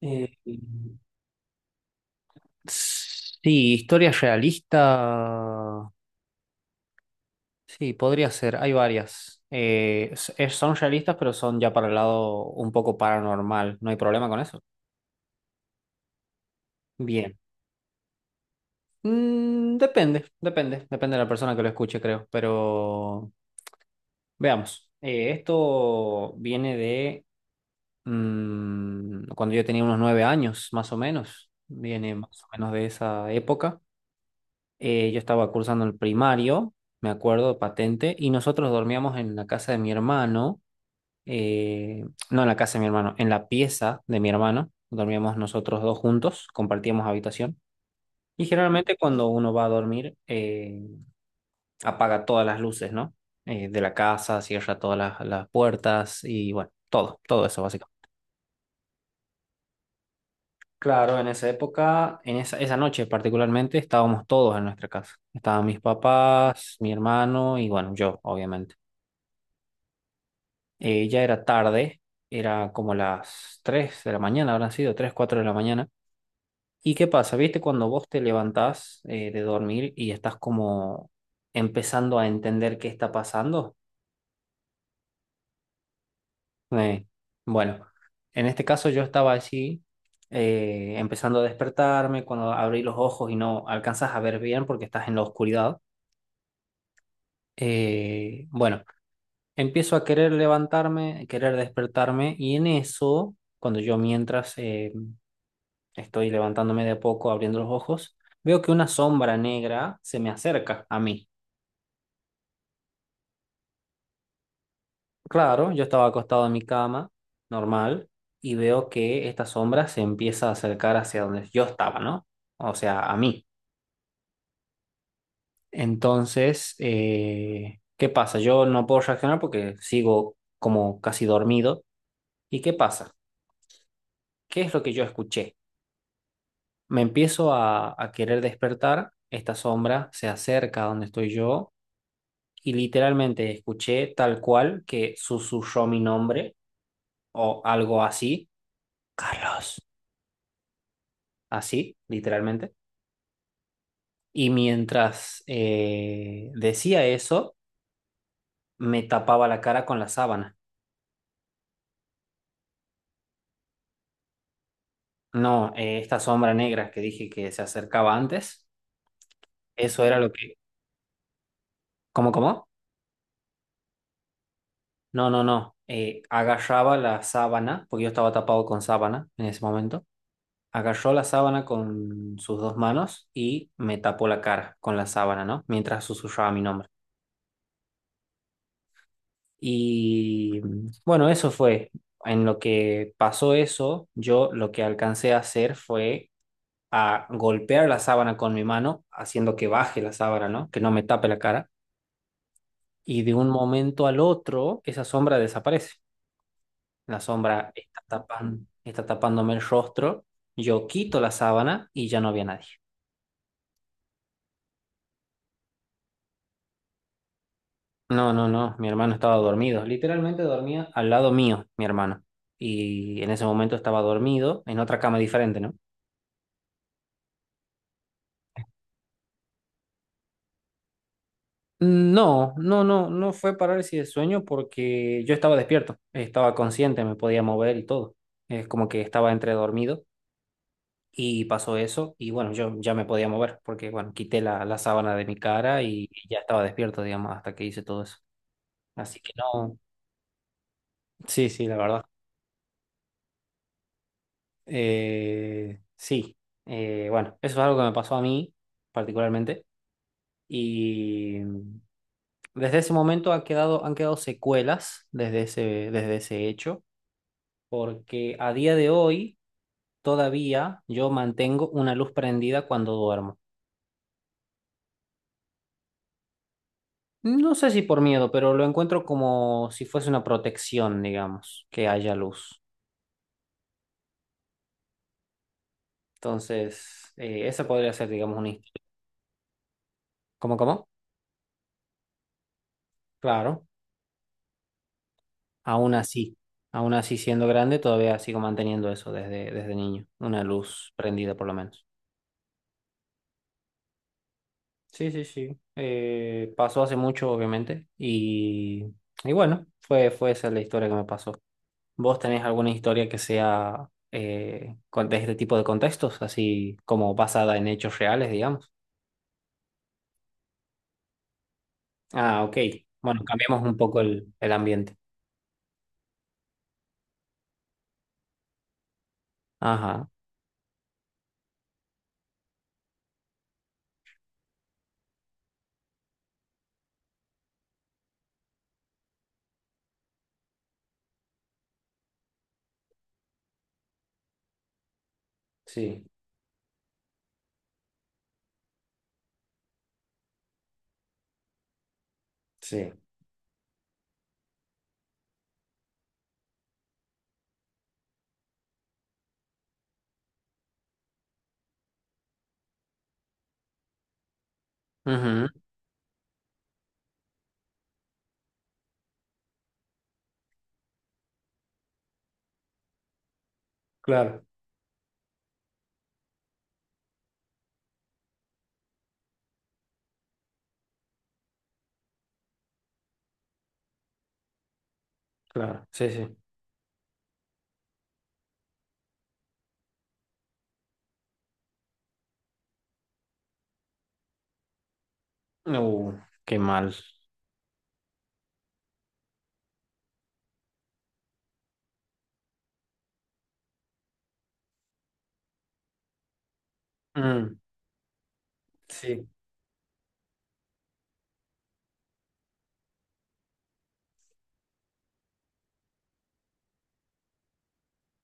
Eh, sí, historia realista. Sí, podría ser. Hay varias. Son realistas, pero son ya para el lado un poco paranormal. ¿No hay problema con eso? Bien. Depende, depende. Depende de la persona que lo escuche, creo. Pero veamos. Esto viene de cuando yo tenía unos 9 años, más o menos. Viene más o menos de esa época. Yo estaba cursando el primario, me acuerdo, patente, y nosotros dormíamos en la casa de mi hermano, eh, no en la casa de mi hermano, en la pieza de mi hermano, dormíamos nosotros dos juntos, compartíamos habitación, y generalmente cuando uno va a dormir, apaga todas las luces, ¿no? De la casa, cierra todas las puertas y bueno, todo eso básicamente. Claro, en esa época, en esa noche particularmente, estábamos todos en nuestra casa. Estaban mis papás, mi hermano y bueno, yo, obviamente. Ya era tarde, era como las 3 de la mañana, habrán sido 3 4 de la mañana. ¿Y qué pasa? ¿Viste cuando vos te levantás de dormir y estás como empezando a entender qué está pasando? Eh, bueno, en este caso yo estaba así, empezando a despertarme, cuando abrí los ojos y no alcanzas a ver bien porque estás en la oscuridad. Bueno, empiezo a querer levantarme, querer despertarme y en eso, estoy levantándome de a poco, abriendo los ojos. Veo que una sombra negra se me acerca a mí. Claro, yo estaba acostado en mi cama, normal, y veo que esta sombra se empieza a acercar hacia donde yo estaba, ¿no? O sea, a mí. Entonces, ¿qué pasa? Yo no puedo reaccionar porque sigo como casi dormido. ¿Y qué pasa? ¿Qué es lo que yo escuché? Me empiezo a querer despertar. Esta sombra se acerca a donde estoy yo y literalmente escuché tal cual que susurró mi nombre o algo así, Carlos, así, literalmente. Y mientras decía eso, me tapaba la cara con la sábana. No, esta sombra negra que dije que se acercaba antes, eso era lo que... ¿Cómo, cómo? No, no, no. Agarraba la sábana, porque yo estaba tapado con sábana en ese momento. Agarró la sábana con sus dos manos y me tapó la cara con la sábana, ¿no? Mientras susurraba mi nombre. Y bueno, eso fue. En lo que pasó eso, yo lo que alcancé a hacer fue a golpear la sábana con mi mano, haciendo que baje la sábana, ¿no? Que no me tape la cara. Y de un momento al otro, esa sombra desaparece. La sombra está tapando, está tapándome el rostro. Yo quito la sábana y ya no había nadie. No, no, no, mi hermano estaba dormido, literalmente dormía al lado mío, mi hermano. Y en ese momento estaba dormido en otra cama diferente, ¿no? No, no, no, no fue parálisis de sueño porque yo estaba despierto, estaba consciente, me podía mover y todo. Es como que estaba entre dormido y pasó eso y bueno, yo ya me podía mover porque bueno, quité la sábana de mi cara y ya estaba despierto, digamos, hasta que hice todo eso. Así que no, sí, sí, la verdad. Sí. Bueno, eso es algo que me pasó a mí particularmente y desde ese momento ha quedado, han quedado secuelas desde ese hecho, porque a día de hoy todavía yo mantengo una luz prendida cuando duermo. No sé si por miedo, pero lo encuentro como si fuese una protección, digamos, que haya luz. Entonces, esa podría ser, digamos, una... historia. ¿Cómo, cómo? Claro. Aún así, aún así siendo grande, todavía sigo manteniendo eso desde niño, una luz prendida por lo menos. Sí, sí, sí. Pasó hace mucho, obviamente, y bueno, fue esa la historia que me pasó. ¿Vos tenés alguna historia que sea de este tipo de contextos, así como basada en hechos reales, digamos? Ah, ok. Bueno, cambiamos un poco el ambiente. Ajá, sí, sí. Ujú, claro, claro, sí, sí. Uh, qué mal. Mm. Sí.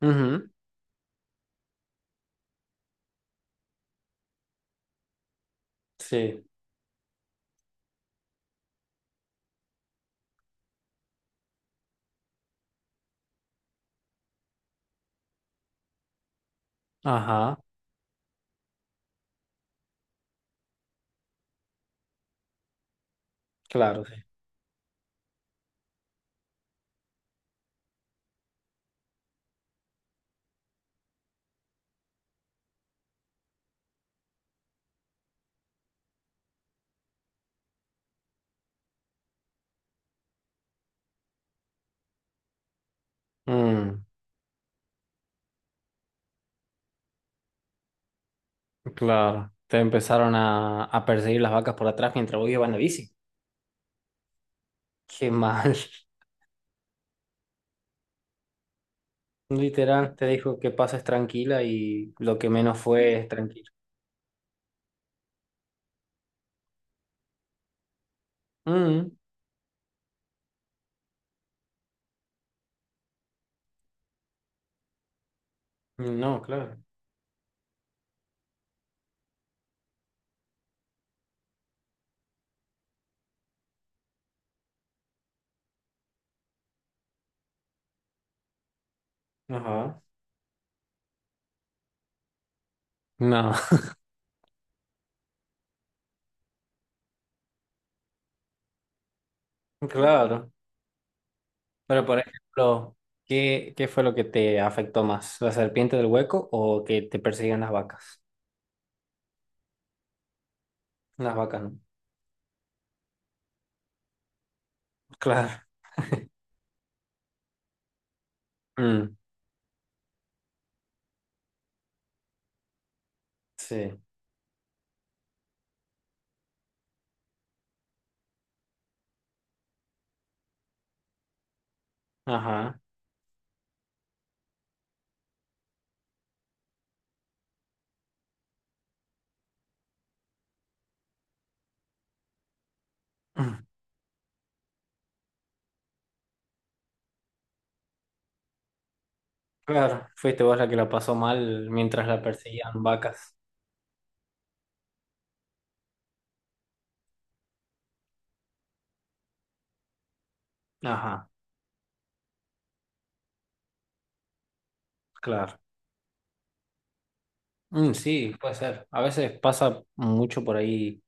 Ujú, sí. Ajá. Claro, sí. Mm, claro. Te empezaron a perseguir las vacas por atrás mientras vos ibas en la bici. Qué mal. Literal, te dijo que pases tranquila y lo que menos fue es tranquilo. Mm, no, claro. Ajá. No, claro. Pero, por ejemplo, ¿qué fue lo que te afectó más? ¿La serpiente del hueco o que te persigan las vacas? Las vacas, no. Claro. Mm, sí. Ajá. Claro, fuiste vos la que la pasó mal mientras la perseguían vacas. Ajá, claro. Mm, sí, puede ser. A veces pasa mucho por ahí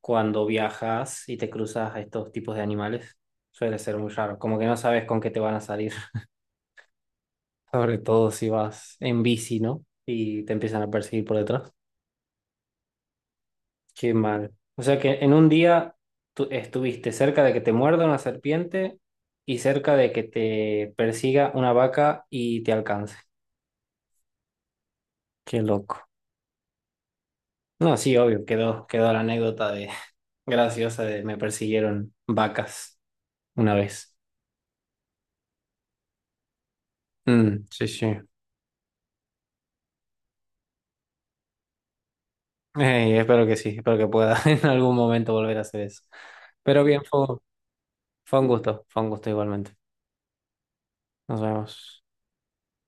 cuando viajas y te cruzas a estos tipos de animales. Suele ser muy raro, como que no sabes con qué te van a salir. Sobre todo si vas en bici, ¿no? Y te empiezan a perseguir por detrás. Qué mal. O sea que en un día tú estuviste cerca de que te muerda una serpiente y cerca de que te persiga una vaca y te alcance. Qué loco. No, sí, obvio, quedó, quedó la anécdota de graciosa de me persiguieron vacas una vez. Sí, sí. Ey, espero que sí, espero que pueda en algún momento volver a hacer eso. Pero bien, fue un gusto, fue un gusto igualmente. Nos vemos.